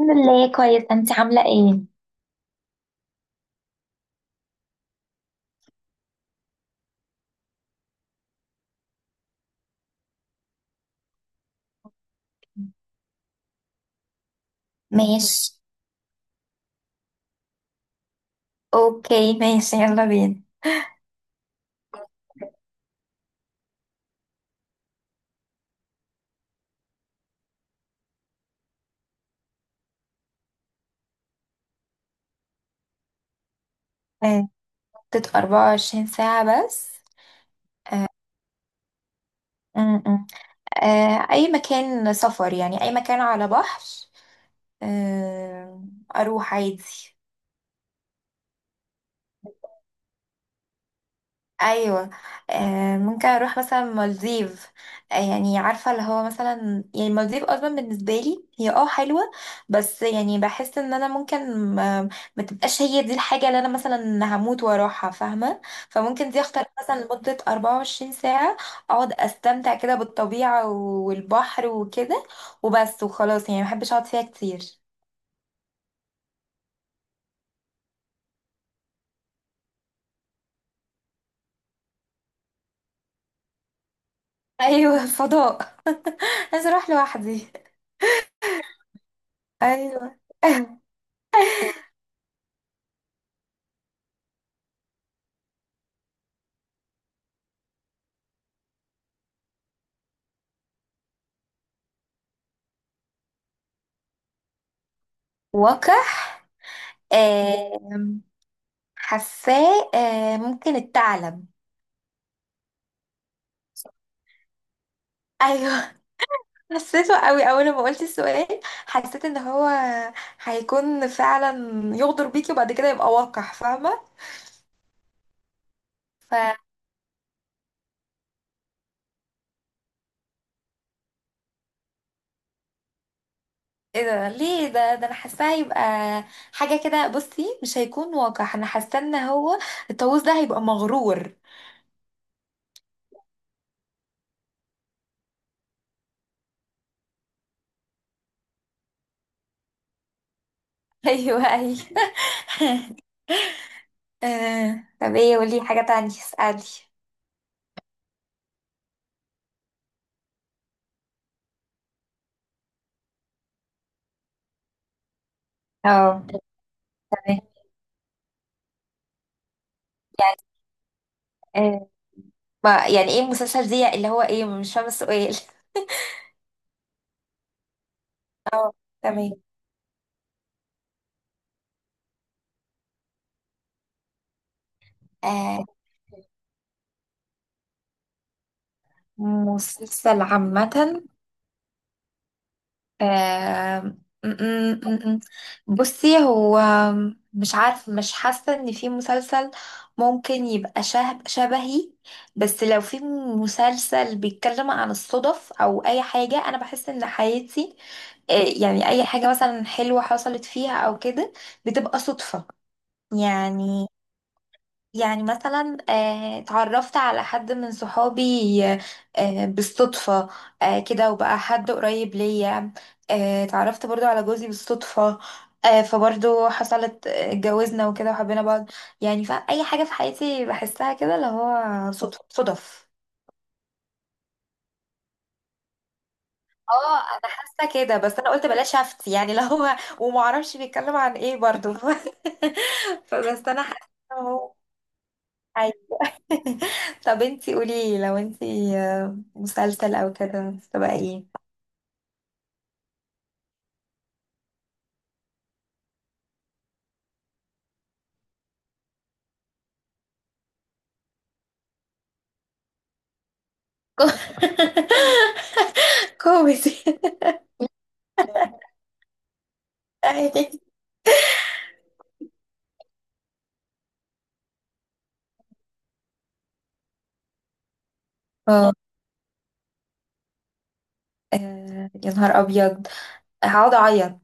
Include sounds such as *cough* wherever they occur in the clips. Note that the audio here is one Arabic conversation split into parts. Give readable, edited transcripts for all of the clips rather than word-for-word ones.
الحمد لله كويس. انت عاملة ايه؟ ماشي. اوكي ماشي، يلا بينا. آه، مدة 24 ساعة بس. م- م. اي مكان سفر، يعني اي مكان على بحر. آه، اروح عادي. ايوه، ممكن اروح مثلا مالديف. آه يعني عارفه اللي هو مثلا يعني مالديف اصلا بالنسبه لي هي اه حلوه، بس يعني بحس ان انا ممكن ما تبقاش هي دي الحاجه اللي انا مثلا هموت واروحها، فاهمه؟ فممكن دي اختار مثلا لمده 24 ساعه، اقعد استمتع كده بالطبيعه والبحر وكده، وبس وخلاص يعني ما بحبش اقعد فيها كتير. *laughs* ايوه، فضاء. عايزه اروح لوحدي. ايوه. *laughs* واقع. آه حاساه ممكن الثعلب. ايوه. *laughs* حسيته قوي اول ما قلت السؤال، حسيت ان هو هيكون فعلا يغدر بيكي وبعد كده يبقى واقع، فاهمه؟ ف ايه ده؟ ليه ده انا حاساه هيبقى حاجه كده. بصي مش هيكون واقع، انا حاسه ان هو الطاووس ده هيبقى مغرور. *laughs* ايوه ايوه. *laughs* طب ايه؟ قولي حاجه تانية، اسالي. اه، تمام. يعني آه، ما يعني ايه المسلسل دي اللي هو ايه؟ مش فاهمه السؤال. اه، تمام. آه، مسلسل عامة. آه م- م- م- م. بصي، هو مش عارف، مش حاسة ان في مسلسل ممكن يبقى شبه شبهي. بس لو في مسلسل بيتكلم عن الصدف او اي حاجة، انا بحس ان حياتي، يعني اي حاجة مثلا حلوة حصلت فيها او كده، بتبقى صدفة يعني. يعني مثلا اتعرفت على حد من صحابي بالصدفة. كده، وبقى حد قريب ليا. اتعرفت برضو على جوزي بالصدفة، فبرضو حصلت اتجوزنا وكده وحبينا بعض يعني. فأي حاجة في حياتي بحسها كده اللي هو صدف صدف. اه انا حاسه كده، بس انا قلت بلاش افتي يعني اللي هو ومعرفش بيتكلم عن ايه برضو. *laughs* فبس انا حاسه إن هو. *laughs* طب انتي قولي لو انتي مسلسل او كده تبقى ايه؟ كو- *laughs* كوميدي. اه. يا نهار ابيض. هقعد اعيط.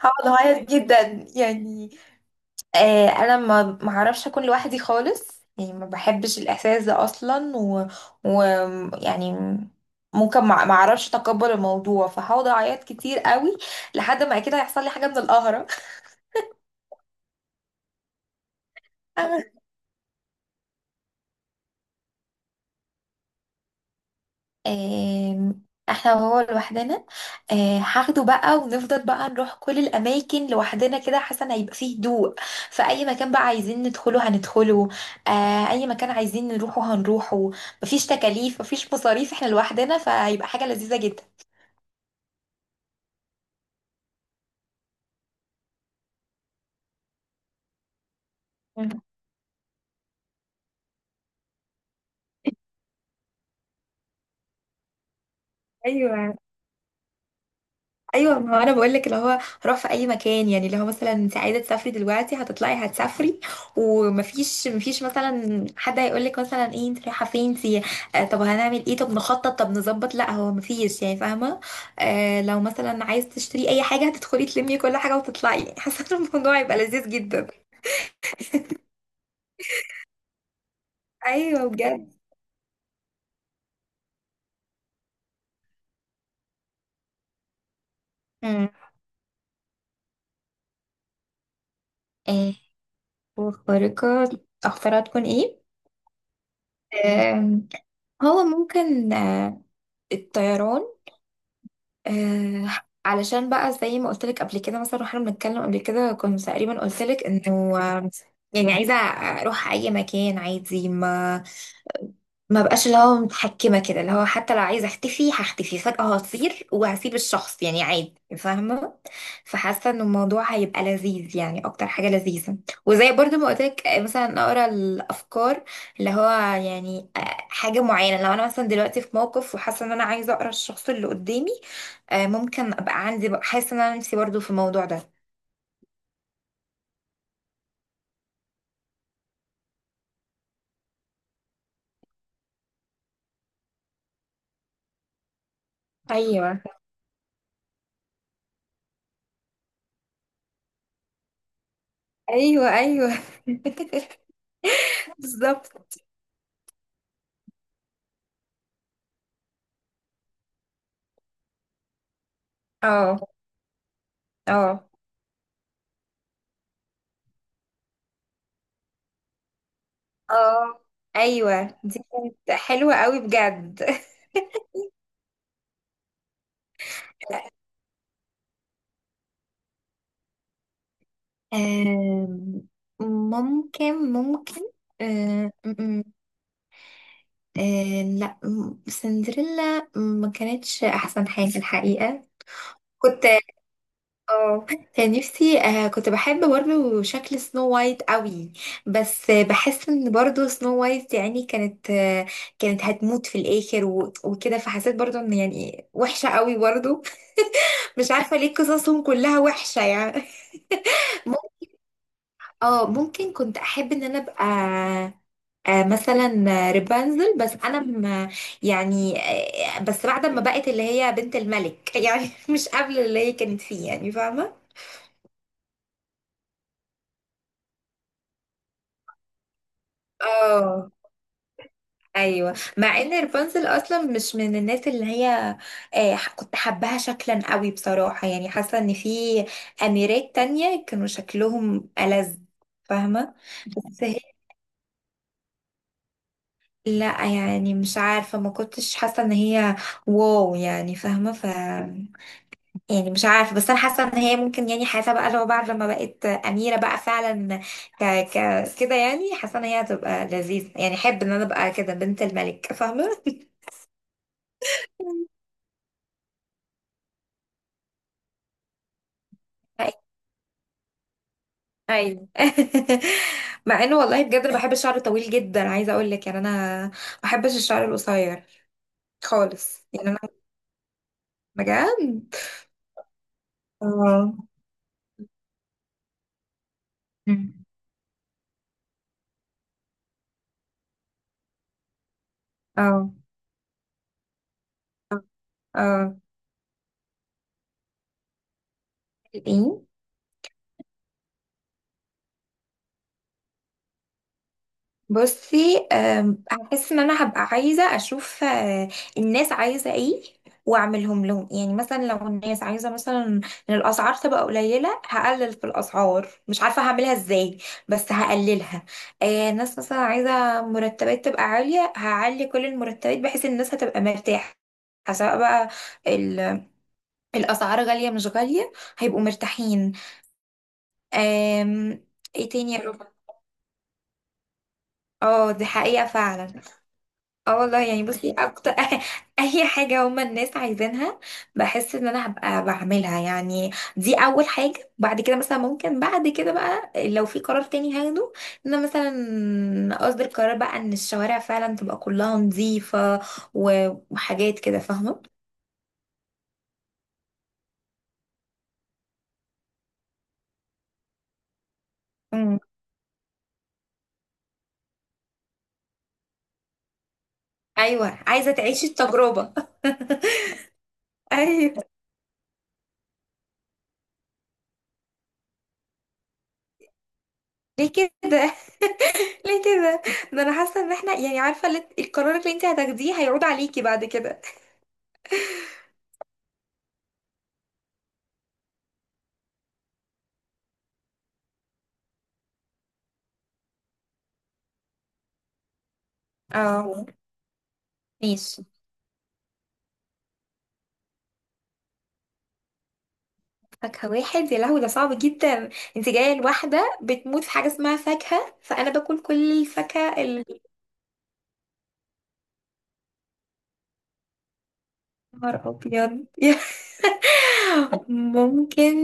هقعد اعيط جدا يعني. انا ما اعرفش اكون لوحدي خالص، يعني ما بحبش الاحساس ده اصلا، و يعني ممكن ما اعرفش اتقبل الموضوع، فهقعد اعيط كتير قوي لحد ما اكيد هيحصل لي حاجه من القهره. *laughs* آم، احنا وهو لوحدنا. هاخده بقى ونفضل بقى نروح كل الاماكن لوحدنا كده، حسن هيبقى فيه هدوء. فاي مكان بقى عايزين ندخله هندخله، اي مكان عايزين نروحه هنروحه. مفيش تكاليف، مفيش مصاريف، احنا لوحدنا، فهيبقى حاجة لذيذة جدا. مم. ايوه ايوه، ما هو انا بقول لك اللي هو روح في اي مكان، يعني اللي هو مثلا انت عايزه تسافري دلوقتي هتطلعي هتسافري، ومفيش مفيش مثلا حد هيقول لك مثلا ايه، انت رايحه فين انت؟ آه طب هنعمل ايه؟ طب نخطط، طب نظبط. لا هو مفيش يعني، فاهمه؟ آه لو مثلا عايز تشتري اي حاجه هتدخلي تلمي كل حاجه وتطلعي. *laughs* يعني حاسه إن الموضوع يبقى لذيذ جدا. ايوه بجد. امم. ايه وخارقه؟ اختارها تكون ايه؟ آم، هو ممكن الطيران. آه، علشان بقى زي ما قلت لك قبل كده، مثلا واحنا بنتكلم قبل كده كنت تقريبا قلت لك انه يعني عايزه اروح اي مكان عادي، ما بقاش اللي هو متحكمه كده، اللي هو حتى لو عايزه اختفي هختفي فجاه، هطير وهسيب الشخص يعني عادي، فاهمه؟ فحاسه ان الموضوع هيبقى لذيذ، يعني اكتر حاجه لذيذه. وزي برضو ما قلت لك مثلا اقرا الافكار، اللي هو يعني حاجه معينه، لو انا مثلا دلوقتي في موقف وحاسه ان انا عايزه اقرا الشخص اللي قدامي، ممكن ابقى عندي بقى، حاسه ان انا نفسي برضو في الموضوع ده. ايوه ايوه ايوه. *laughs* بالظبط. اه اه اه. ايوه دي كانت حلوه قوي بجد. *laughs* آم، ممكن ممكن آه، م- م- آه، لا م- سندريلا ما كانتش احسن حاجه الحقيقه. كنت اه، كان نفسي آه، كنت بحب برضو شكل سنو وايت قوي، بس بحس ان برضو سنو وايت يعني كانت آه كانت هتموت في الاخر وكده، فحسيت برضو ان يعني وحشة قوي برضو. *laughs* مش عارفة ليه قصصهم كلها وحشة يعني. *laughs* مم- اه ممكن كنت احب ان انا ابقى آه مثلا رابنزل، يعني آه بس بعد ما بقت اللي هي بنت الملك، *laughs* يعني مش قبل اللي هي كانت فيه، يعني فاهمة؟ اه ايوه، مع ان رابنزل اصلا مش من الناس اللي هي كنت حباها شكلا قوي بصراحه، يعني حاسه ان في اميرات تانية كانوا شكلهم ألذ، فاهمه؟ بس هي، لا يعني مش عارفه، ما كنتش حاسه ان هي واو يعني، فاهمه؟ يعني مش عارفه، بس انا حاسه ان هي ممكن يعني، حاسه بقى لو بعد لما بقت اميره بقى فعلا ك ك كده، يعني حاسه ان هي هتبقى لذيذه، يعني احب ان انا ابقى كده بنت الملك، فاهمه؟ ايوه. *laughs* مع انه والله بجد أنا بحب الشعر الطويل جدا، عايزه اقول لك يعني انا ما بحبش الشعر القصير خالص، يعني انا بجد. اه. مم. اه اه. بصي أم، هحس ان انا هبقى عايزه اشوف الناس عايزه ايه، واعملهم لهم يعني. مثلا لو الناس عايزه مثلا ان الاسعار تبقى قليله، هقلل في الاسعار، مش عارفه هعملها ازاي بس هقللها. ناس مثلا عايزه مرتبات تبقى عاليه، هعلي كل المرتبات بحيث الناس هتبقى مرتاحه، سواء بقى ال- الاسعار غاليه مش غاليه هيبقوا مرتاحين. آم، ايه تاني يا رب. اه دي حقيقه فعلا. اه والله يعني بصي، اكتر *laughs* اي حاجة هما الناس عايزينها بحس ان انا هبقى بعملها يعني. دي اول حاجة. بعد كده مثلا ممكن بعد كده بقى لو في قرار تاني هاخده، ان انا مثلا اصدر قرار بقى ان الشوارع فعلا تبقى كلها نظيفة وحاجات كده، فاهمة؟ مم. ايوه، عايزة تعيشي التجربة. *laughs* ايوه. ليه كده؟ *laughs* ليه كده؟ ده انا حاسة ان احنا يعني، عارفة القرار اللي انت هتاخديه هيعود عليكي بعد كده. اه ماشي. فاكهة واحد؟ يا لهوي ده صعب جدا. انت جاية لواحدة بتموت في حاجة اسمها فاكهة، فأنا باكل كل الفاكهة اللي. نهار أبيض. *laughs* ممكن،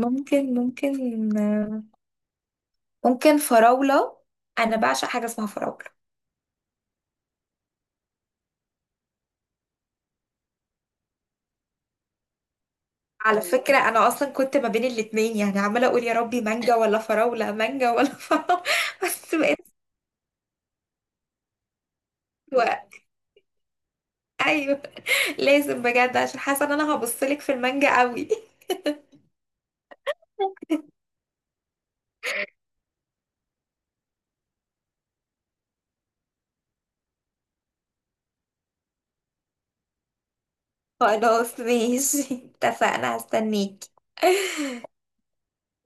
ممكن ممكن ممكن فراولة. أنا بعشق حاجة اسمها فراولة. على فكرة أنا أصلا كنت ما بين الاتنين، يعني عمالة أقول يا ربي مانجا ولا فراولة، مانجا ولا فراولة. *laughs* بس بقيت أسوأ. أيوه لازم بجد، عشان حاسة إن أنا هبصلك في المانجا قوي. خلاص ماشي، اتفقنا، هستنيك. *laughs*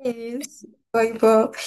ماشي، باي باي.